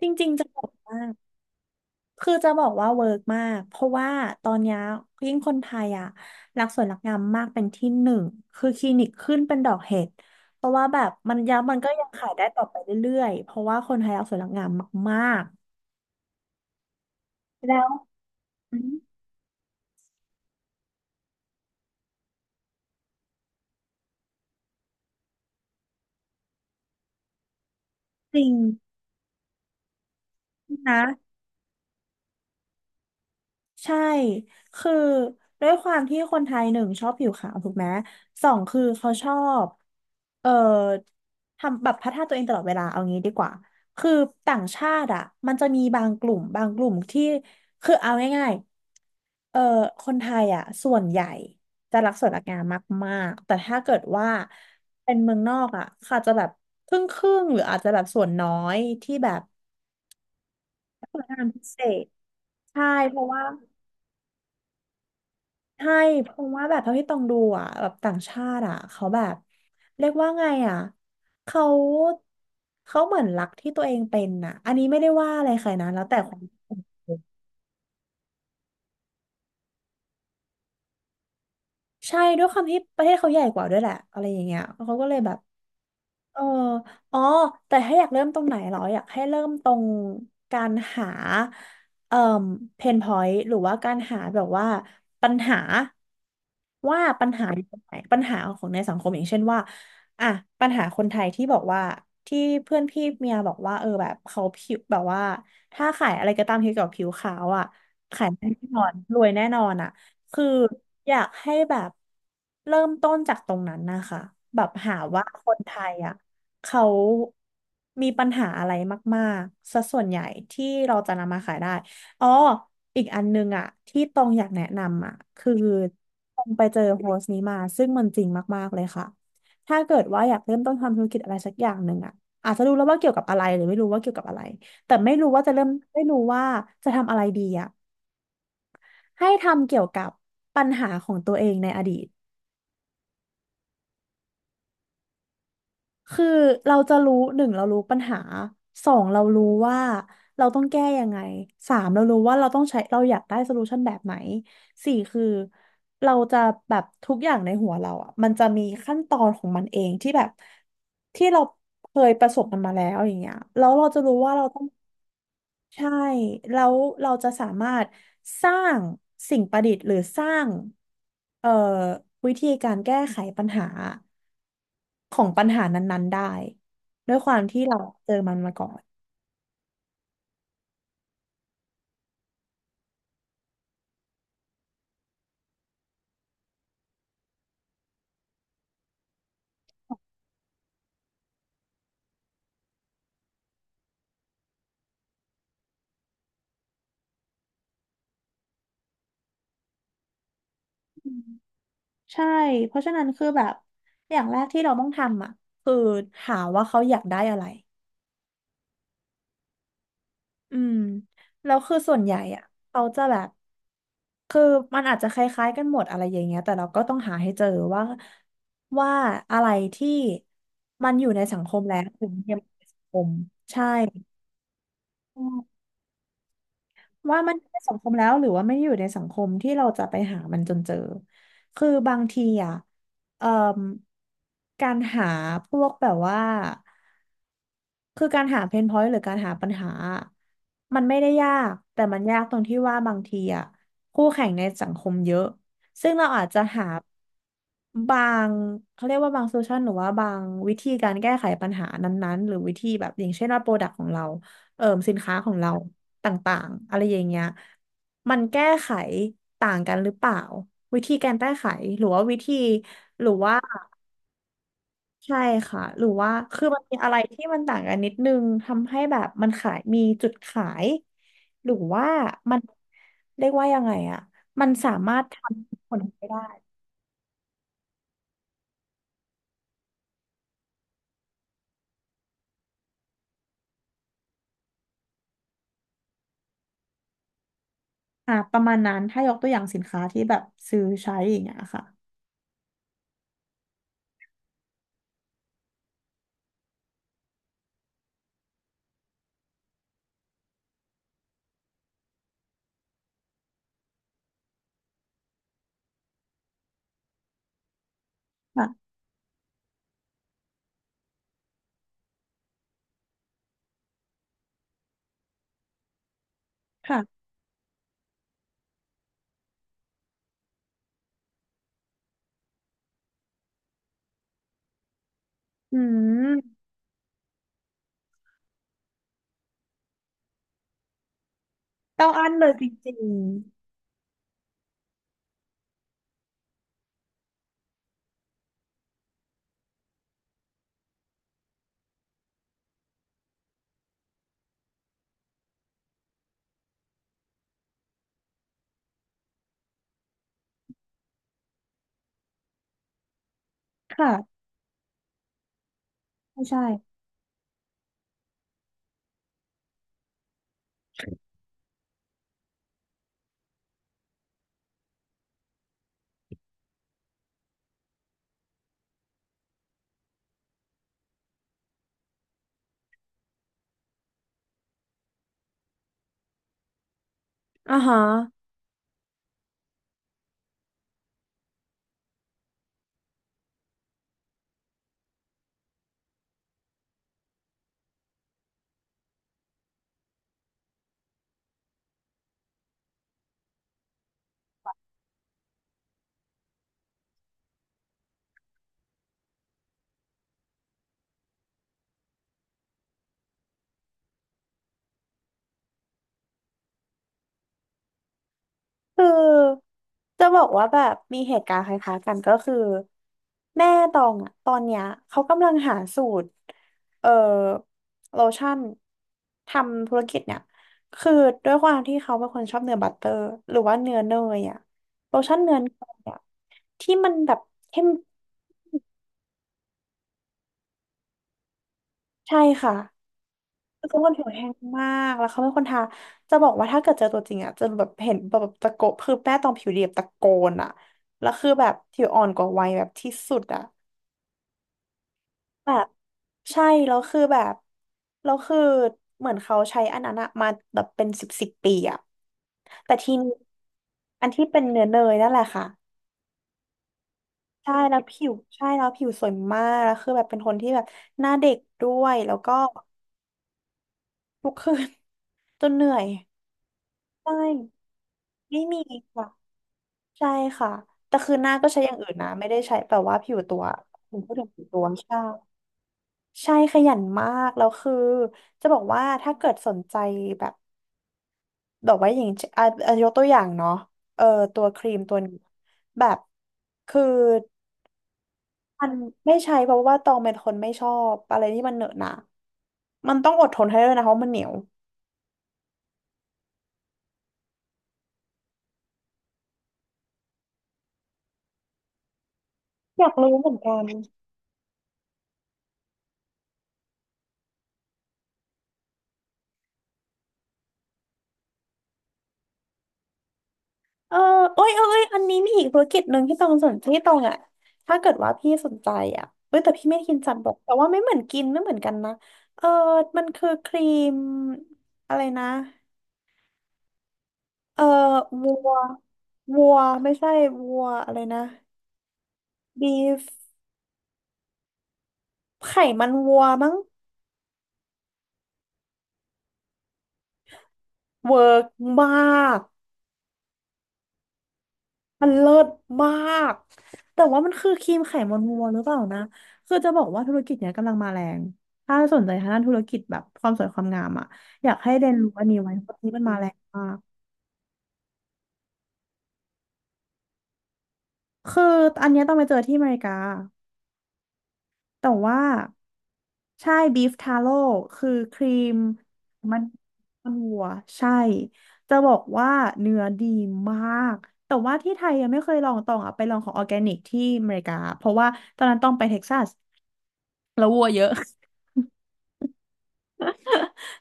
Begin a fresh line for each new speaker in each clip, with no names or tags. จริงๆจะบอกว่าคือจะบอกว่าเวิร์กมากเพราะว่าตอนเนี้ยยิ่งคนไทยอ่ะรักสวยรักงามมากเป็นที่หนึ่งคือคลินิกขึ้นเป็นดอกเห็ดเพราะว่าแบบมันก็ยังขายได้ต่อไปเรื่อยๆเพราะว่าคนไทยรักสวยรักงามมากๆแล้วอืมจริงนะ ใช่ คือด้วยความที่คนไทยหนึ่งชอบผิวขาวถูกไหมสองคือเขาชอบ เอ่อ ทำแบบพัฒนาตัวเองตลอดเวลาเอางี้ดีกว่า คือต่างชาติอ่ะมันจะมีบางกลุ่มที่ คือเอาง่ายๆคนไทยอ่ะส่วนใหญ่จะรักสวยรักงามมากๆ แต่ถ้าเกิดว่าเป็นเมืองนอกอ่ะเขาอาจจะแบบครึ่งหรืออาจจะแบบส่วนน้อยที่แบบสวยงามพิเศษใช่เพราะว่า ใช่เพราะว่าแบบเท่าที่ต้องดูอ่ะแบบต่างชาติอ่ะเขาแบบเรียกว่าไงอ่ะเขาเขาเหมือนรักที่ตัวเองเป็นอ่ะอันนี้ไม่ได้ว่าอะไรใครนะแล้วแต่ความใช่ด้วยความที่ประเทศเขาใหญ่กว่าด้วยแหละอะไรอย่างเงี้ยเขาก็เลยแบบ เอออ๋อแต่ถ้าอยากเริ่มตรงไหนเหรออยากให้เริ่มตรงการหาเอ่อเพนพอยต์หรือว่าการหาแบบว่าปัญหาว่าปัญหาอยู่ตรงไหนปัญหาของในสังคมอย่างเช่นว่าอ่ะปัญหาคนไทยที่บอกว่าที่เพื่อนพี่เมียบอกว่าเออแบบเขาผิวแบบว่าถ้าขายอะไรก็ตามเกี่ยวกับผิวขาวอ่ะขายแน่นอนรวยแน่นอนอ่ะ คืออยากให้แบบเริ่มต้นจากตรงนั้นนะคะแบบหาว่าคนไทยอ่ะเขามีปัญหาอะไรมากๆซะส่วนใหญ่ที่เราจะนำมาขายได้อ๋ออีกอันนึงอ่ะที่ตรงอยากแนะนำอ่ะคือตรงไปเจอโพสต์นี้มาซึ่งมันจริงมากๆเลยค่ะถ้าเกิดว่าอยากเริ่มต้นทำธุรกิจอะไรสักอย่างหนึ่งอ่ะอาจจะรู้แล้วว่าเกี่ยวกับอะไรหรือไม่รู้ว่าเกี่ยวกับอะไรแต่ไม่รู้ว่าจะเริ่มไม่รู้ว่าจะทำอะไรดีอ่ะ ให้ทำเกี่ยวกับปัญหาของตัวเองในอดีต คือเราจะรู้หนึ่งเรารู้ปัญหาสองเรารู้ว่าเราต้องแก้ยังไงสามเรารู้ว่าเราต้องใช้เราอยากได้โซลูชันแบบไหนสี่คือเราจะแบบทุกอย่างในหัวเราอ่ะมันจะมีขั้นตอนของมันเองที่แบบที่เราเคยประสบมันมาแล้วอย่างเงี้ยแล้วเราจะรู้ว่าเราต้อง ใช่แล้วเราจะสามารถสร้างสิ่งประดิษฐ์หรือสร้างเอ่อวิธีการแก้ไขปัญหาของปัญหานั้นๆได้ด้วยความที่เราเจอมันมาก่อนใช่เพราะฉะนั้นคือแบบอย่างแรกที่เราต้องทำอ่ะคือหาว่าเขาอยากได้อะไร อืมแล้วคือส่วนใหญ่อ่ะเขาจะแบบคือมันอาจจะคล้ายๆกันหมดอะไรอย่างเงี้ยแต่เราก็ต้องหาให้เจอว่าว่าอะไรที่มันอยู่ในสังคมแล้วหรือมันยังไม่อยู่ในสังคมใช่อืมว่ามันอยู่ในสังคมแล้วหรือว่าไม่ได้อยู่ในสังคมที่เราจะไปหามันจนเจอคือบางทีอ่ะเอ่อการหาพวกแบบว่า คือการหาเพนพอยต์หรือการหาปัญหา มันไม่ได้ยากแต่มันยากตรงที่ว่าบางทีอ่ะคู่แข่งในสังคมเยอะซึ่งเราอาจจะหาบางเขาเรียกว่าบางโซลูชันหรือว่าบางวิธีการแก้ไขปัญหานั้นๆหรือวิธีแบบอย่างเช่นว่าโปรดักต์ของเราสินค้าของเราต่างๆอะไรอย่างเงี้ยมันแก้ไขต่างกันหรือเปล่าวิธีการแก้ไขหรือว่าวิธีหรือว่า ใช่ค่ะหรือว่าคือมันมีอะไรที่มันต่างกันนิดนึงทำให้แบบมันขายมีจุดขายหรือว่ามันเรียกว่ายังไงอะมันสามารถทำผลไปได้อ่ะประมาณนั้นถ้ายกตัวอย่างสินค้าที่แบบซื้อใช้อย่างเงี้ยค่ะค่ะค่ะอืมต้องอั้นเลยจริงๆค่ะไม่ใช่อ่าฮะ คือจะบอกว่าแบบมีเหตุการณ์คล้ายๆกันก็คือแม่ตองอะตอนเนี้ยเขากำลังหาสูตรเอ่อโลชั่นทำธุรกิจเนี่ยคือด้วยความที่เขาเป็นคนชอบเนื้อบัตเตอร์หรือว่าเนื้อเนยอะโลชั่นเนื้อเนยอะที่มันแบบเข้มใช่ค่ะ คือเขาเป็นคนผิวแห้งมากแล้วเขาเป็นคนทาจะบอกว่าถ้าเกิดเจอตัวจริงอ่ะจะแบบเห็นแบบตะโกนคือแป้ตองผิวเรียบตะโกนอ่ะแล้วคือแบบผิวอ่อนกว่าวัยแบบที่สุดอ่ะแบบใช่แล้วคือแบบแล้วคือเหมือนเขาใช้อันนั้นอะมาแบบเป็นสิบปีอะแต่ทีนี้อันที่เป็นเนื้อเนยนั่นแหละค่ะใช่แล้วผิวใช่แล้วผิวสวยมากแล้วคือแบบเป็นคนที่แบบหน้าเด็กด้วยแล้วก็ทุกคืน จนเหนื่อยใช่ไม่มีค่ะ ใช่ค่ะแต่คือหน้าก็ใช้อย่างอื่นนะไม่ได้ใช้แบบว่าผิวตัวผมพูดถึงผิวตัวใช่ใช่ขยันมากแล้วคือจะบอกว่าถ้าเกิดสนใจแบบแบอกว่าอย่างเช่นอ่ะอ่ะยกตัวอย่างเนาะเออตัวครีมตัวนี้แบบคือมันไม่ใช่เพราะว่าตองเป็นคนไม่ชอบอะไรที่มันเหนอะหนะมันต้องอดทนให้ด้วยนะเพราะมันเหนียวอยากรู้เหมือนกัน เออเอ้ยอันนี้มีอีกธุรกิจหนึ่งที่ตรงสนที่ตรงอ่ะถ้าเกิดว่าพี่สนใจอ่ะเอ้ยแต่พี่ไม่กินสันบกแต่ว่าไม่เหมือนกินไม่เหมือนกันนะเออมันคือครีมอะไรนะเออวัววัวไม่ใช่วัวอะไรนะบีฟไขมันวัวมั้งเวิร์กมาก มันเลิศมากแต่ว่ามันคือครีมไขมันวัวหรือเปล่านะคือจะบอกว่าธุรกิจเนี้ยกำลังมาแรงถ้าสนใจทางด้านธุรกิจแบบความสวยความงามอ่ะอยากให้เรียนรู้อันนี้ไว้เพราะอันนี้มันมาแรงมากคืออันเนี้ยต้องไปเจอที่อเมริกาแต่ว่าใช่บีฟทาโร่คือครีมมันมันวัวใช่จะบอกว่าเนื้อดีมากแต่ว่าที่ไทยยังไม่เคยลองตองอ่ะไปลองของออร์แกนิกที่อเมริกาเพราะว่าตอนนั้นต้องไปเท็กซัสแล้ววัวเยอะ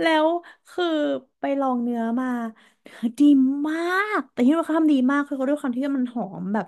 แล้วคือไปลองเนื้อมาเนื้อดีมากแต่ที่ว่าเขาทำดีมากคือเขาด้วยความที่มันหอมแบบ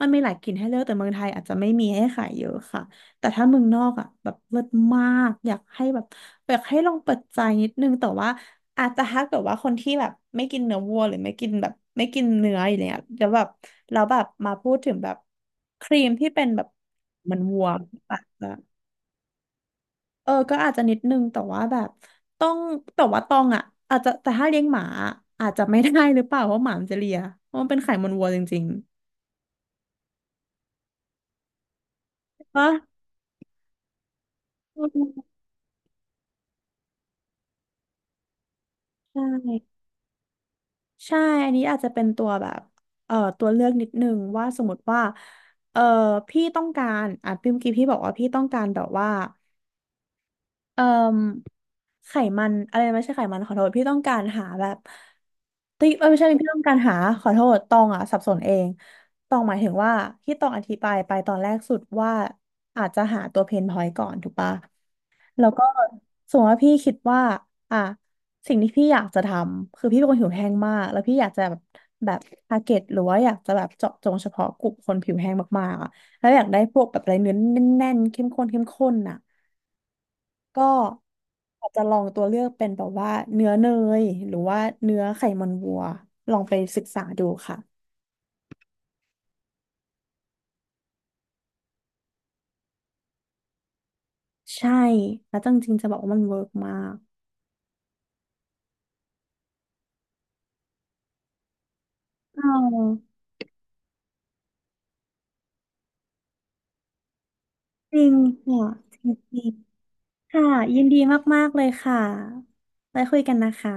มันมีหลายกลิ่นให้เลือกแต่เมืองไทยอาจจะไม่มีให้ขายเยอะค่ะแต่ถ้าเมืองนอกอ่ะแบบเลิศมากอยากให้แบบอยากให้ลองเปิดใจนิดนึงแต่ว่าอาจจะถ้าเกิดว่าคนที่แบบไม่กินเนื้อวัวหรือไม่กินแบบไม่กินเนื้ออย่างเงี้ยแล้วแบบแล้วแบบมาพูดถึงแบบครีมที่เป็นแบบเหมันวัวอาจจะ ก็อาจจะนิดนึงแต่ว่าแบบต้องแต่ว่าตองอ่ะอาจจะแต่ถ้าเลี้ยงหมาอะอาจจะไม่ได้หรือเปล่าเพราะหมามันจะเลียเพราะมันเป็นไขมันวัวจริงๆวะอืมใช่ใช่อันนี้อาจจะเป็นตัวแบบตัวเลือกนิดนึงว่าสมมติว่าเอ่อพี่ต้องการอ่ะพี่เมื่อกี้พี่บอกว่าพี่ต้องการแบบว่าเอ่อไขมันอะไรนะไม่ใช่ไขมันขอโทษพี่ต้องการหาแบบ ติ๊กเอ้ยไม่ใช่เรื่องการหาขอโทษตองอ่ะสับสนเอง ตองหมายถึงว่าที่ตองอธิบายไปตอนแรกสุดว่าอาจจะหาตัวเพนพอยต์ก่อนถูกปะแล้วก็สมมติว่าพี่คิดว่า อ่ะ สิ่งที่พี่อยากจะทำคือพี่เป็นคนผิวแห้งมาก แล้วพี่อยากจะแบบแบบทาร์เก็ตหรือว่าอยากจะแบบเจาะจงเฉพาะกลุ่มคนผิวแห้งมากๆอ่ะแล้วอยากได้พวกแบบอะไรเนื้อแน่นๆเข้มข้นอ่ะ ก็อาจจะลองตัวเลือกเป็นแบบว่าเนื้อเนยหรือว่าเนื้อไขมันวัวลองไปศึกษาดูค่ะใช่แล้วจริงๆจะบอกว่ามันเวิร์กมากอ๋อจริงค่ะจริงๆค่ะยินดีมากๆเลยค่ะไปคุยกันนะคะ